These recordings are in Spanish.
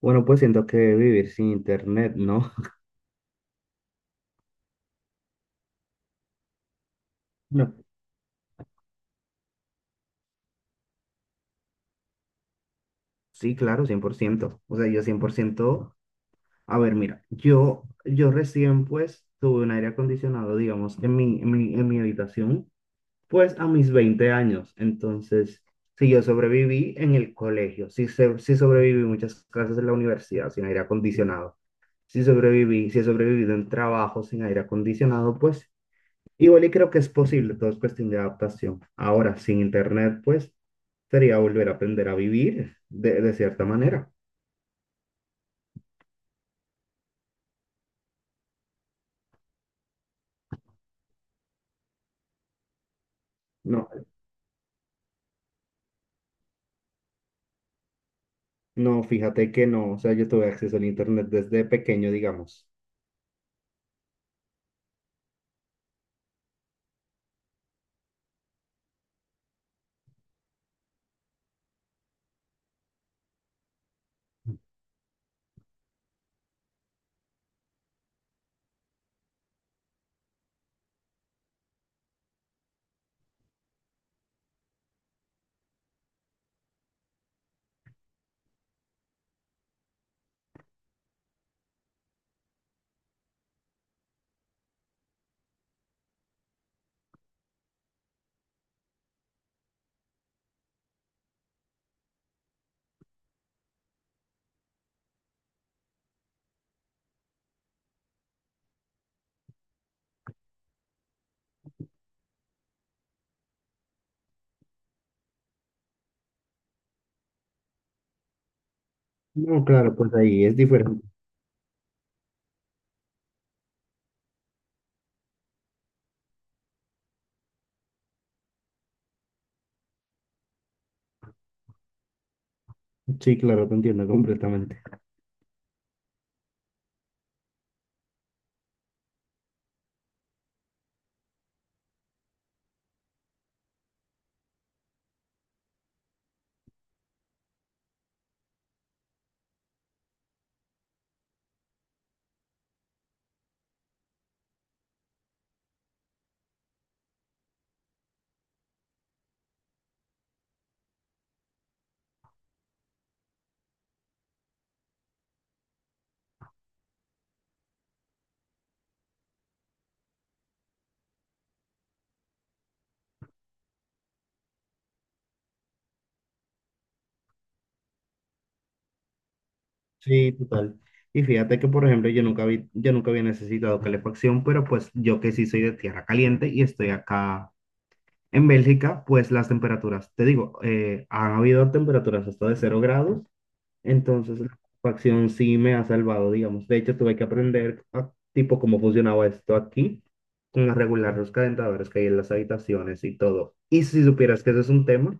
Bueno, pues siento que vivir sin internet, ¿no? No. Sí, claro, 100%. O sea, yo 100%. A ver, mira, yo recién pues tuve un aire acondicionado, digamos, en mi habitación, pues a mis 20 años. Entonces, si yo sobreviví en el colegio, si sobreviví muchas clases en la universidad sin aire acondicionado, si he sobrevivido en trabajo sin aire acondicionado, pues igual y creo que es posible, todo es cuestión de adaptación. Ahora, sin internet, pues sería volver a aprender a vivir de cierta manera. No, no, fíjate que no, o sea, yo tuve acceso al internet desde pequeño, digamos. No, claro, pues ahí es diferente. Sí, claro, te entiendo completamente. Sí, total. Y fíjate que, por ejemplo, yo nunca había necesitado calefacción, pero pues yo que sí soy de tierra caliente y estoy acá en Bélgica, pues las temperaturas, te digo, han habido temperaturas hasta de 0 grados. Entonces, la facción sí me ha salvado, digamos. De hecho, tuve que aprender a, tipo cómo funcionaba esto aquí, con regular los calentadores que hay en las habitaciones y todo. Y si supieras que ese es un tema,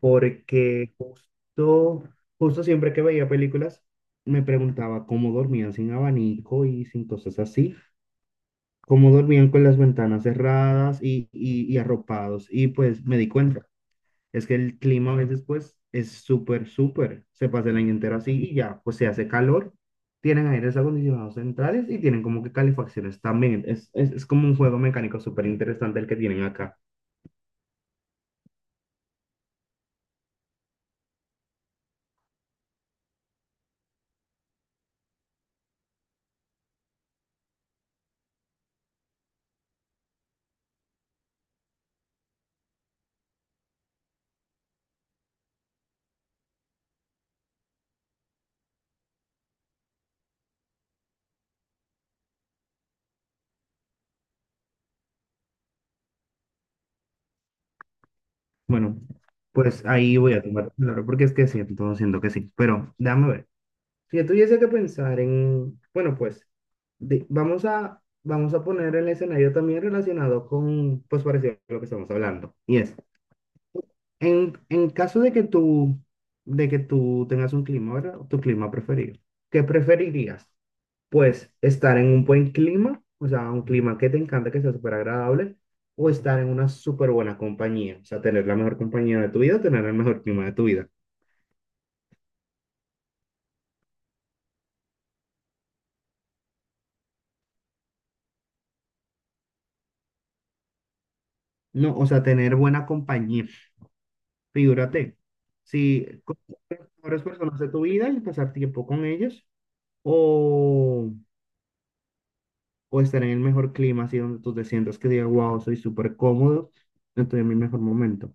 porque justo siempre que veía películas, me preguntaba cómo dormían sin abanico y sin cosas así, cómo dormían con las ventanas cerradas y arropados. Y pues me di cuenta. Es que el clima a veces pues es súper, súper. Se pasa el año entero así y ya, pues se hace calor. Tienen aires acondicionados centrales y tienen como que calefacciones también. Es como un juego mecánico súper interesante el que tienen acá. Bueno, pues ahí voy a tomar claro, porque es que siento que sí. Pero déjame ver. Si yo tuviese que pensar en, bueno, pues vamos a poner el escenario también relacionado con, pues parecido a lo que estamos hablando. Y es, en caso de que de que tú tengas un clima, ¿verdad? Tu clima preferido. ¿Qué preferirías? Pues estar en un buen clima, o sea, un clima que te encanta, que sea súper agradable, o estar en una súper buena compañía, o sea, tener la mejor compañía de tu vida, tener el mejor clima de tu vida. No, o sea, tener buena compañía. Figúrate, si con las mejores personas de tu vida y pasar tiempo con ellos, o o estar en el mejor clima, así donde tú te sientas que digas, wow, soy súper cómodo, estoy en mi mejor momento.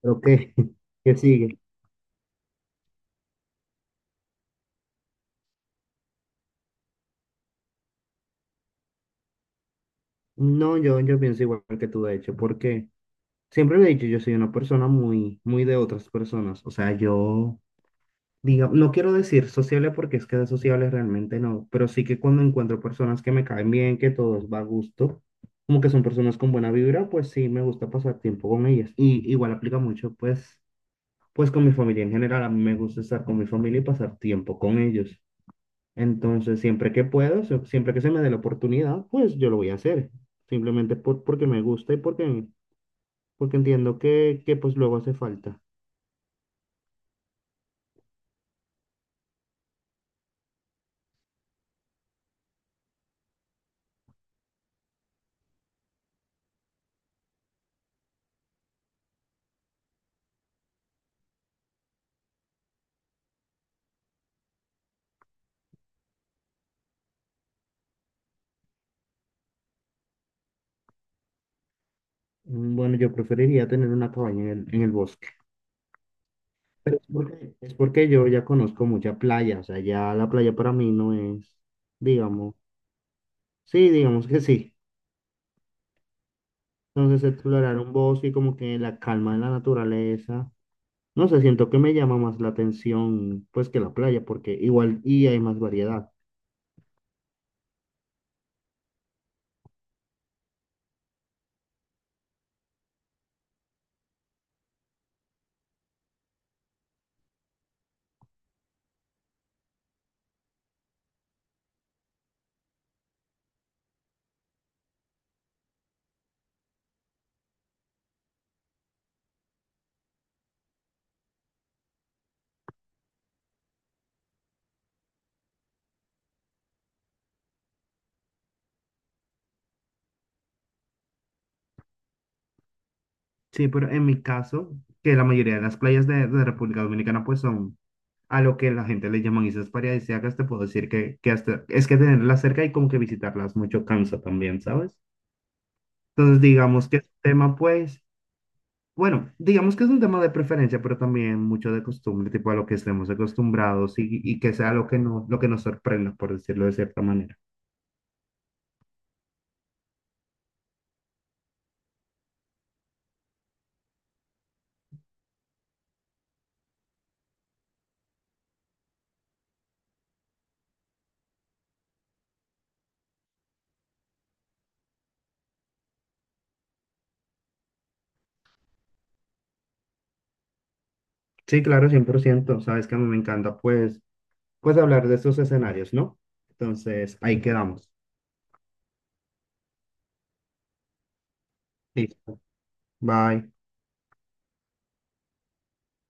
Pero ¿qué? ¿Qué sigue? No, yo pienso igual que tú, de hecho, porque siempre lo he dicho, yo soy una persona muy, muy de otras personas. O sea, yo, diga, no quiero decir sociable porque es que de sociable realmente no, pero sí que cuando encuentro personas que me caen bien, que todos va a gusto, como que son personas con buena vibra, pues sí, me gusta pasar tiempo con ellas. Y igual aplica mucho, pues con mi familia en general, a mí me gusta estar con mi familia y pasar tiempo con ellos. Entonces, siempre que se me dé la oportunidad, pues yo lo voy a hacer. Simplemente porque me gusta y porque entiendo que pues luego hace falta. Mm, bueno, yo preferiría tener una cabaña en en el bosque. Pero es porque yo ya conozco mucha playa. O sea, ya la playa para mí no es, digamos, sí, digamos que sí. Entonces, explorar un bosque y como que la calma de la naturaleza. No sé, siento que me llama más la atención pues que la playa, porque igual y hay más variedad. Sí, pero en mi caso, que la mayoría de las playas de República Dominicana pues son a lo que la gente le llaman islas paradisíacas, te puedo decir que hasta es que tenerlas cerca y como que visitarlas mucho cansa también, ¿sabes? Entonces digamos que es un tema pues, bueno, digamos que es un tema de preferencia, pero también mucho de costumbre, tipo a lo que estemos acostumbrados y que sea lo que no, lo que nos sorprenda, por decirlo de cierta manera. Sí, claro, 100%. Sabes que a mí me encanta, pues, pues hablar de estos escenarios, ¿no? Entonces, ahí quedamos. Listo. Bye.